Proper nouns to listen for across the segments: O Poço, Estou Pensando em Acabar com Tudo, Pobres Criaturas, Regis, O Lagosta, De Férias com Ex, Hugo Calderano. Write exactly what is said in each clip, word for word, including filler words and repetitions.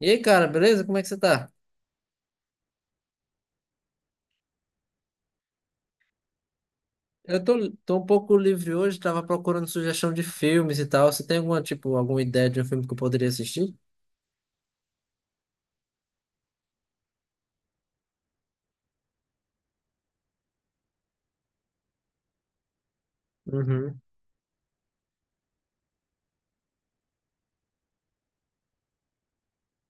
E aí, cara, beleza? Como é que você tá? Eu tô, tô um pouco livre hoje, tava procurando sugestão de filmes e tal. Você tem alguma, tipo, alguma ideia de um filme que eu poderia assistir? Uhum.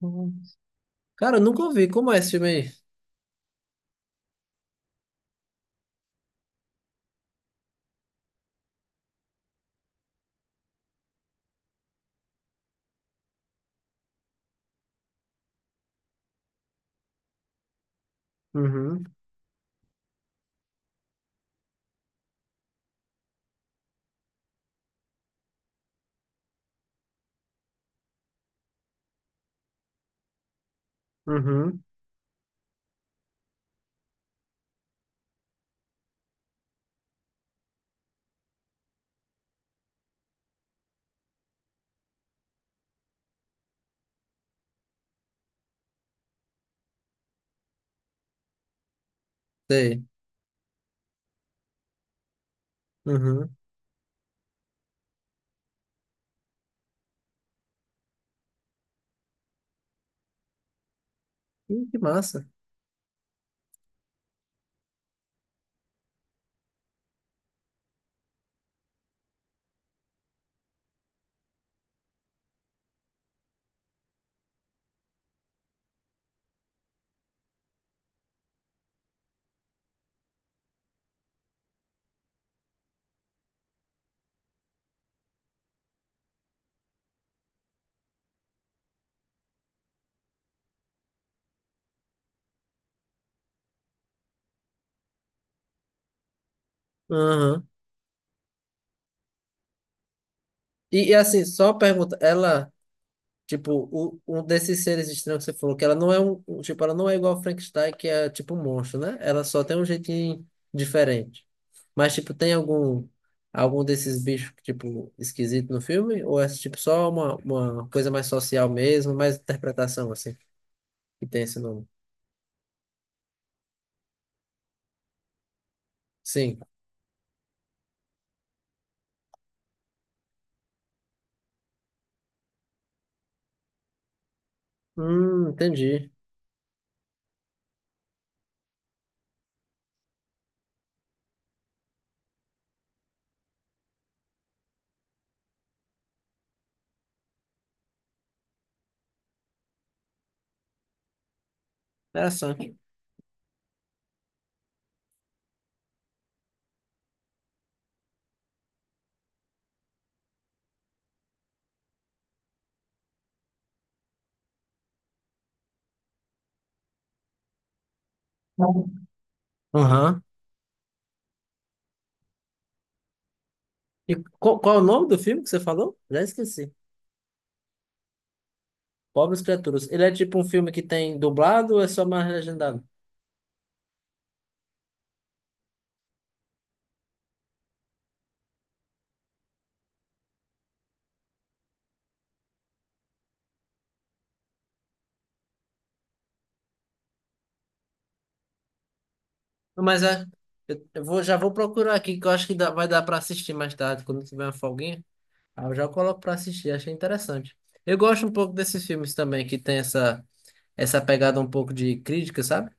Uhum. Cara, eu nunca ouvi. Como é esse filme aí? Uhum. Uhum. Sei. Uhum. Ih, que massa. Uhum. E, e assim, só pergunta, ela. Tipo, o, um desses seres estranhos que você falou, que ela não é um, um- tipo, ela não é igual a Frankenstein, que é tipo um monstro, né? Ela só tem um jeitinho diferente. Mas, tipo, tem algum algum desses bichos, tipo, esquisito no filme? Ou é, tipo, só uma, uma coisa mais social mesmo, mais interpretação, assim, que tem esse nome? Sim. Hum, entendi. Interessante. Aham. E qual, qual é o nome do filme que você falou? Já esqueci. Pobres Criaturas. Ele é tipo um filme que tem dublado ou é só mais legendado? Mas é. Eu eu vou, já vou procurar aqui, que eu acho que dá- vai dar pra assistir mais tarde, quando tiver uma folguinha. Aí eu já coloco pra assistir, achei interessante. Eu gosto um pouco desses filmes também, que tem essa, essa pegada um pouco de crítica, sabe?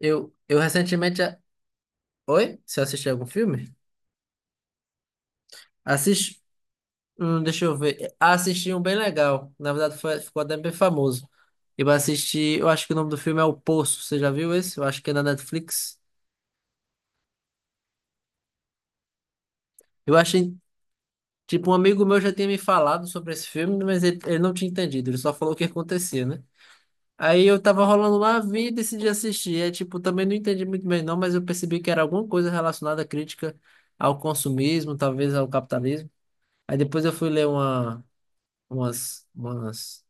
Eu, eu recentemente. a- Oi? Você assistiu algum filme? Assisti. Hum, deixa eu ver. Ah, assisti um bem legal. Na verdade, foi, ficou até bem famoso. Eu assisti. Eu acho que o nome do filme é O Poço. Você já viu esse? Eu acho que é na Netflix. Eu achei. Tipo, um amigo meu já tinha me falado sobre esse filme, mas ele, ele não tinha entendido, ele só falou o que acontecia, né? Aí eu tava rolando lá, vi e decidi assistir. É, tipo, também não entendi muito bem não, mas eu percebi que era alguma coisa relacionada à crítica ao consumismo, talvez ao capitalismo. Aí depois eu fui ler uma, umas, umas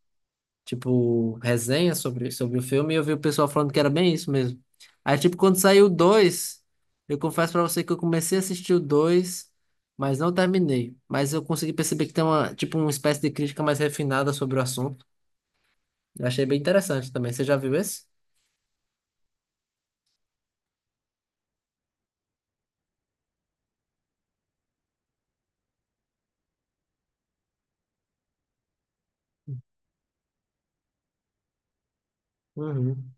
tipo, resenha sobre, sobre o filme, e eu vi o pessoal falando que era bem isso mesmo. Aí, tipo, quando saiu o dois, eu confesso pra você que eu comecei a assistir o dois, mas não terminei. Mas eu consegui perceber que tem uma, tipo, uma espécie de crítica mais refinada sobre o assunto. Eu achei bem interessante também. Você já viu esse? Uhum.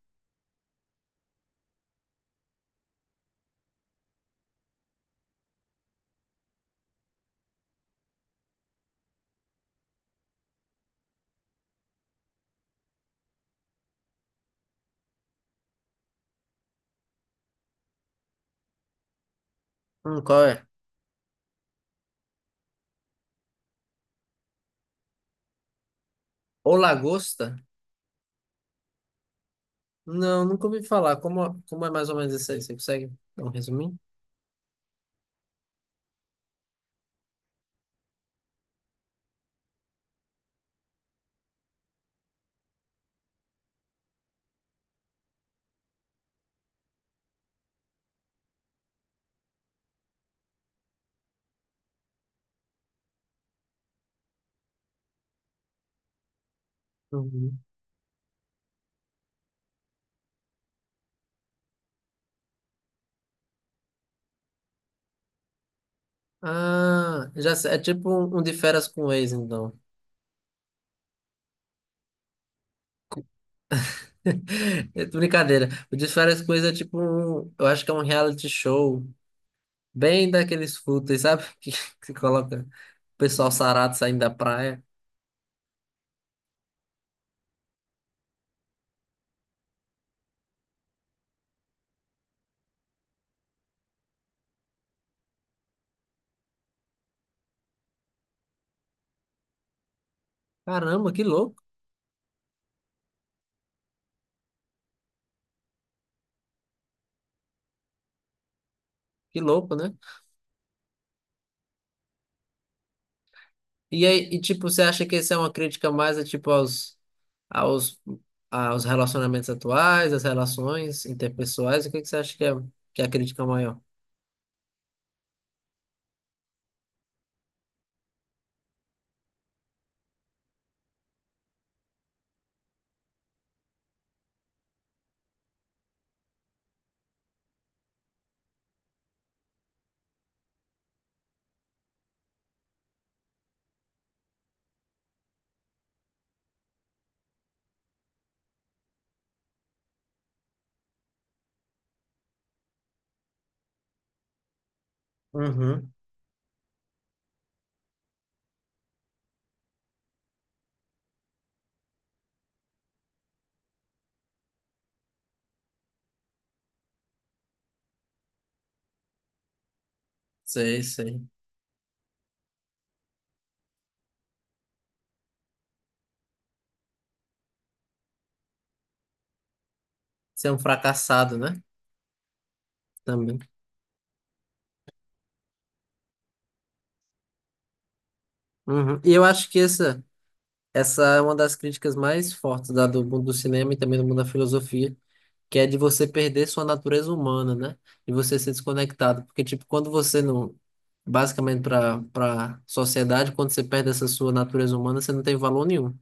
Hum, qual é? O Lagosta? Não, nunca ouvi falar. Como, como é mais ou menos isso aí? Você consegue dar um resuminho? Uhum. Ah, já sei. É tipo um, um de férias com o ex, então. É brincadeira. O De Férias com Ex é tipo um, eu acho que é um reality show bem daqueles fúteis, sabe? Que, que coloca o pessoal sarado saindo da praia. Caramba, que louco, que louco, né? E aí, e tipo, você acha que isso é uma crítica mais é, tipo aos aos aos relacionamentos atuais, às relações interpessoais? O que que você acha que é que é a crítica maior? Uhum. Sei, sei. Ser um fracassado, né? Também. Uhum. E eu acho que essa Essa é uma das críticas mais fortes da, do mundo do cinema e também do mundo da filosofia, que é de você perder sua natureza humana, né? E você ser desconectado. Porque, tipo, quando você não. Basicamente, para para sociedade, quando você perde essa sua natureza humana, você não tem valor nenhum.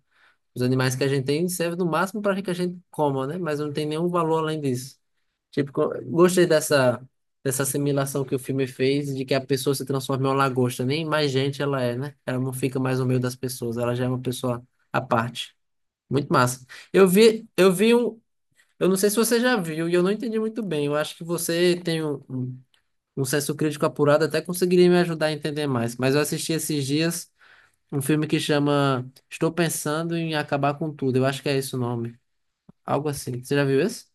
Os animais que a gente tem servem no máximo para que a gente coma, né? Mas não tem nenhum valor além disso. Tipo, co- gostei dessa, dessa assimilação que o filme fez de que a pessoa se transforma em uma lagosta. Nem mais gente ela é, né? Ela não fica mais no meio das pessoas, ela já é uma pessoa à parte. Muito massa. Eu vi, eu vi um. Eu não sei se você já viu e eu não entendi muito bem. Eu acho que você tem um, um um senso crítico apurado, até conseguiria me ajudar a entender mais. Mas eu assisti esses dias. Um filme que chama Estou Pensando em Acabar com Tudo. Eu acho que é esse o nome. Algo assim. Você já viu esse?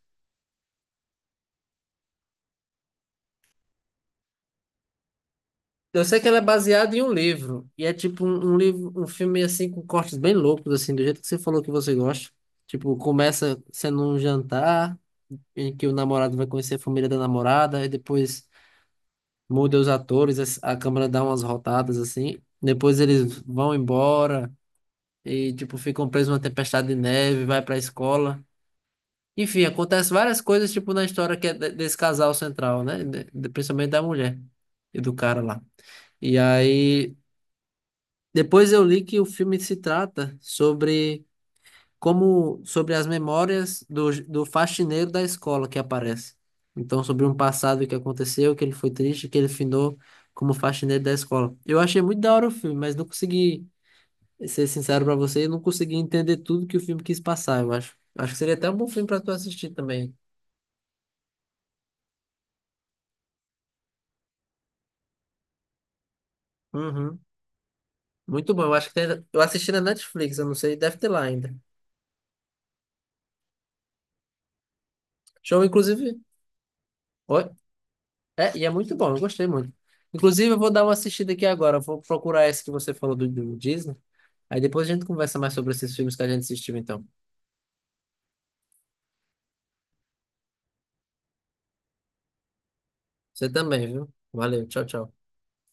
Eu sei que ele é baseado em um livro. E é tipo um, um livro, um filme assim com cortes bem loucos, assim, do jeito que você falou que você gosta. Tipo, começa sendo um jantar em que o namorado vai conhecer a família da namorada, e depois muda os atores, as- a câmera dá umas rotadas assim. Depois eles vão embora e tipo ficam presos numa tempestade de neve, vai pra escola. Enfim, acontece várias coisas, tipo, na história que é de- desse casal central, né? De- de- principalmente da mulher e do cara lá. E aí, depois eu li que o filme se trata sobre como, sobre as memórias do, j- do faxineiro da escola que aparece. Então, sobre um passado que aconteceu, que ele foi triste, que ele finou como faxineiro da escola. Eu achei muito da hora o filme, mas não consegui ser sincero pra você, eu não consegui entender tudo que o filme quis passar, eu acho. Acho que seria até um bom filme pra tu assistir também. Uhum. Muito bom. Eu acho que tem, eu assisti na Netflix, eu não sei, deve ter lá ainda. Show, inclusive. Oi? É, e é muito bom, eu gostei muito. Inclusive, eu vou dar uma assistida aqui agora. Eu vou procurar esse que você falou do, do Disney. Aí depois a gente conversa mais sobre esses filmes que a gente assistiu, então. Você também, viu? Valeu, tchau, tchau.